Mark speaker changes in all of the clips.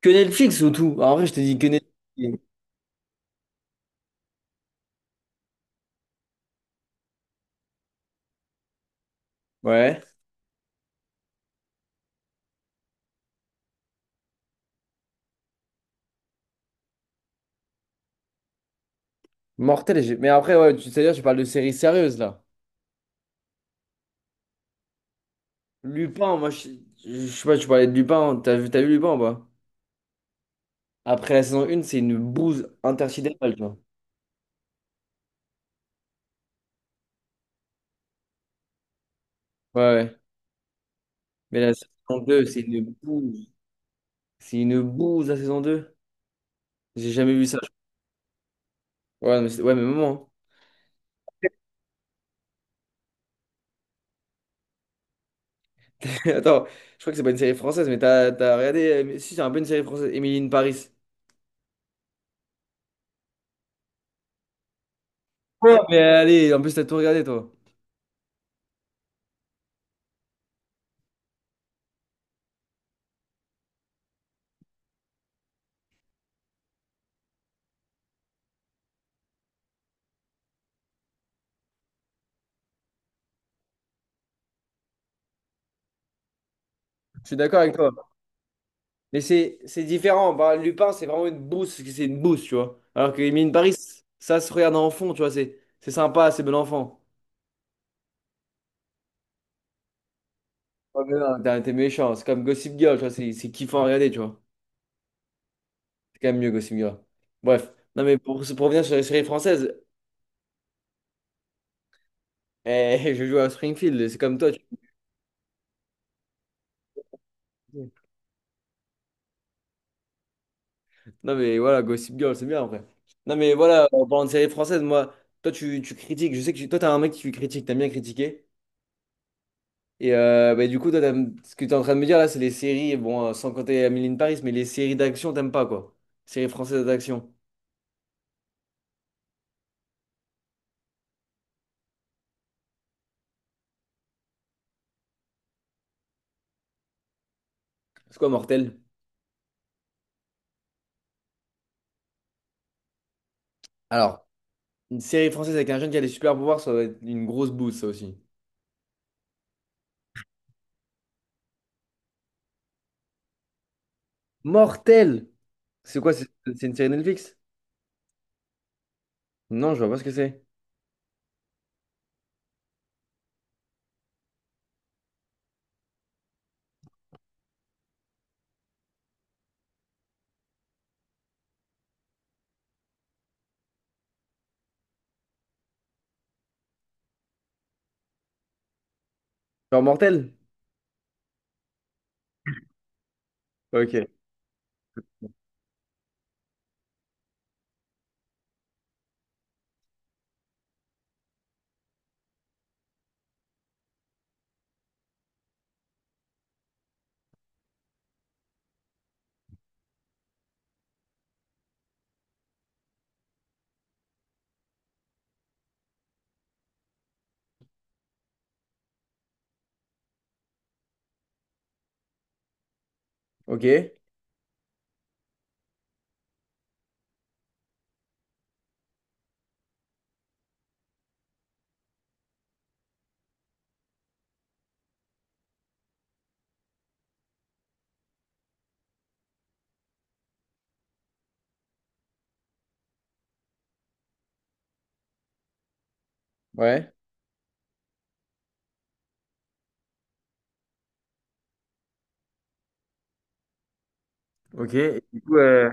Speaker 1: Que Netflix surtout. En vrai, je te dis que Netflix. Ouais. Mortel. Mais après, ouais, tu parles de séries sérieuses là. Lupin, moi, je sais pas, tu parlais de Lupin. T'as vu Lupin ou pas? Après la saison 1, c'est une bouse intersidérale, tu vois. Ouais. Mais la saison 2, c'est une bouse. C'est une bouse la saison deux. J'ai jamais vu ça. Je crois. Ouais, mais maman. Attends, je crois que c'est pas une série française, mais t'as regardé mais- Si, c'est un peu une série française. Émilie in Paris. Ouais, mais allez, en plus, t'as tout regardé, toi. Je suis d'accord avec toi. Mais c'est différent. Bah, Lupin, c'est vraiment une bouse, parce que c'est une bouse, tu vois. Alors que Emily in Paris, ça se regarde en fond, tu vois. C'est sympa, c'est bon enfant. Oh, mais non, t'es méchant. C'est comme Gossip Girl, tu vois. C'est kiffant à regarder, tu vois. C'est quand même mieux, Gossip Girl. Bref. Non, mais pour revenir sur les séries françaises, eh, je joue à Springfield, c'est comme toi. Tu- Non, mais voilà, Gossip Girl, c'est bien après. Non, mais voilà, en parlant de séries françaises, moi, toi, tu critiques. Je sais que tu- toi, t'es un mec qui critique, t'aimes bien critiquer. Et bah, du coup, toi, t'aimes- ce que tu es en train de me dire là, c'est les séries, bon, sans compter Amélie de Paris, mais les séries d'action, t'aimes pas quoi? Séries françaises d'action. C'est quoi, Mortel? Alors, une série française avec un jeune qui a des super pouvoirs, ça va être une grosse bouse, ça aussi. Mortel! C'est quoi, c'est une série Netflix? Non, je vois pas ce que c'est. Genre Mortel? Ok. Ok. Ouais. Ok. Et du coup,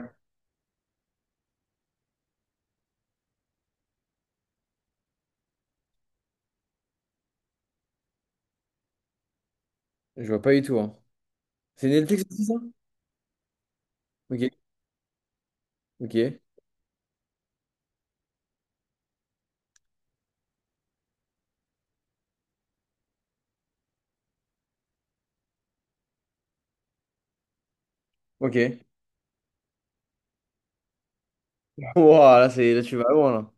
Speaker 1: je vois pas du tout, hein. C'est Netflix aussi, ça? Ok. Ok. Ok. Wow, là, tu vas loin, là.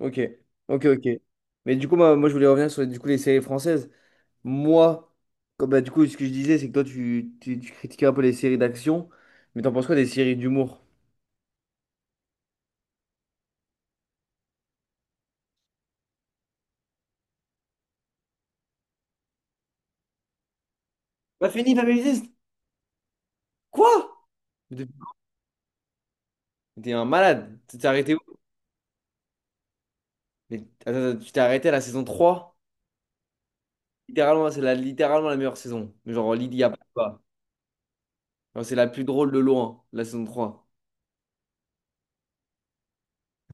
Speaker 1: Ok, ok, ok. Mais du coup, moi je voulais revenir sur du coup, les séries françaises. Moi, comme, bah, du coup, ce que je disais, c'est que toi, tu critiquais un peu les séries d'action, mais t'en penses quoi des séries d'humour? Pas fini, Family Business. Quoi? Mais T'es mais t'es un malade. Tu t'es arrêté où? Mais attends, tu t'es arrêté à la saison trois. Littéralement, littéralement la meilleure saison. Mais genre, Lydie a pas. Genre, c'est la plus drôle de loin, la saison 3.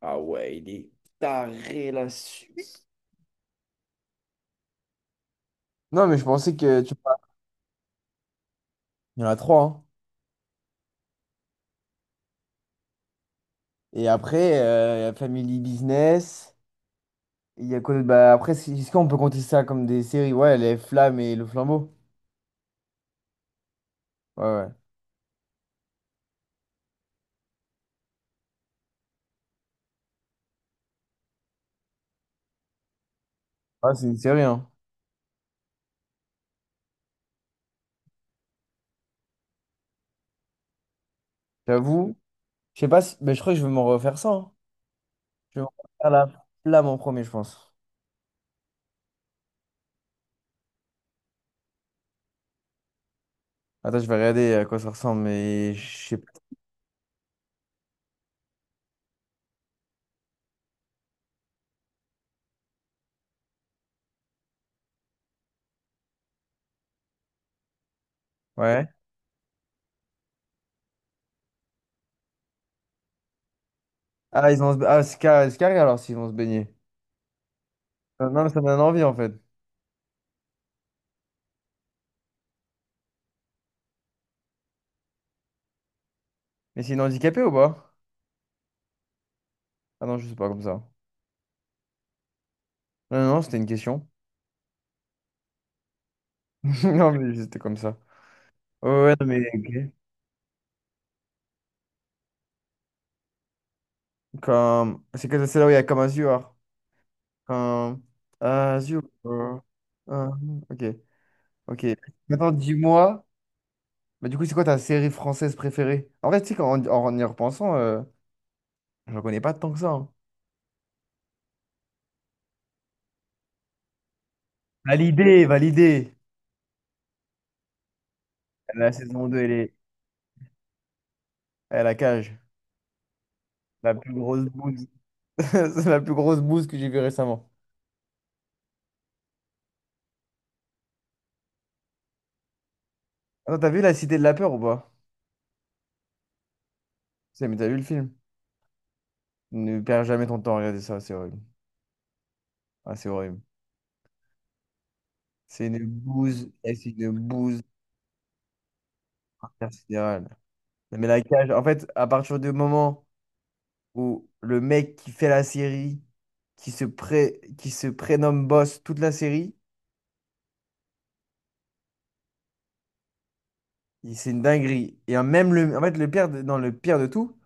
Speaker 1: Ah ouais, il est taré la suite. Non, mais je pensais que tu... Il y en a trois, hein. Et après, il y a Family Business. Il y a quoi d'autre? Bah, après, c'est- est-ce qu'on peut compter ça comme des séries? Ouais, Les Flammes et Le Flambeau. Ouais, ouais. Ah, c'est une série, hein. J'avoue. Je sais pas si. Mais je crois que je vais m'en refaire ça, hein. Je vais m'en refaire La Flamme en premier, je pense. Attends, je vais regarder à quoi ça ressemble, mais je sais pas. Ouais. Ah, ils vont se... ah, c'est carré alors s'ils vont se baigner. Non, mais ça me donne envie en fait. Mais c'est une handicapée ou pas? Ah non, je sais pas comme ça. Non, c'était une question. Non, mais c'était comme ça. Ouais, ouais, non, mais ok. Comme, c'est que c'est là où il y a comme Azure. Comme Azure. Euh, ok, ok. Maintenant, dis-moi, mais du coup, c'est quoi ta série française préférée? En vrai, tu sais, qu'en- en y repensant, je connais pas tant que ça, hein. Validé. La saison 2 elle est elle la cage. La plus grosse bouse. C'est la plus grosse bouse que j'ai vue récemment. Attends, t'as vu La Cité de la Peur ou pas? C'est, mais t'as vu le film? Ne perds jamais ton temps à regarder ça, c'est horrible. Ah, c'est horrible. C'est une bouse, et c'est une bouse intersidérale. Non, mais la cage, en fait, à partir du moment où le mec qui fait la série, qui se prénomme boss toute la série, il- c'est une dinguerie. Et hein, même le, en fait, non, le pire de tout,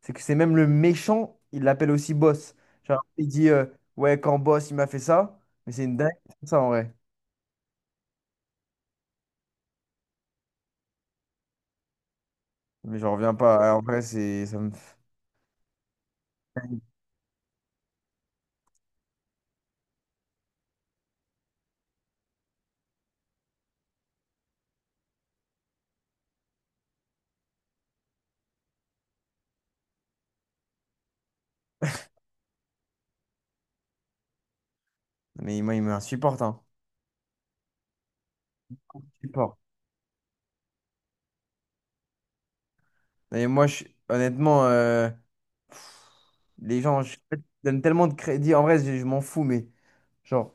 Speaker 1: c'est que c'est même le méchant, il l'appelle aussi boss. Genre, il dit, ouais, quand boss, il m'a fait ça, mais c'est une dinguerie, ça, en vrai. Mais j'en reviens pas. Ça me fait. Mais moi, il m'insupporte, hein. Support. Et moi, honnêtement, les gens, je donne tellement de crédit. En vrai, je m'en fous, mais genre,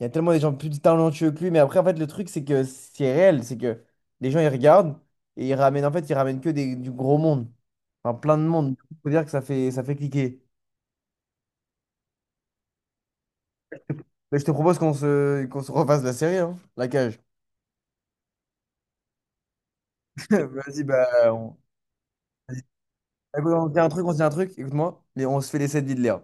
Speaker 1: il y a tellement des gens plus talentueux que lui. Mais après, en fait, le truc, c'est que c'est réel. C'est que les gens, ils regardent et ils ramènent, en fait, ils ramènent que des, du gros monde. Enfin, plein de monde. Il faut dire que ça fait cliquer. Mais je te propose qu'on se refasse la série, hein, la cage. Vas-y, bah, on... vas-y. Écoute, on se dit un truc. Écoute-moi, mais on se fait les 7 vies de l'air.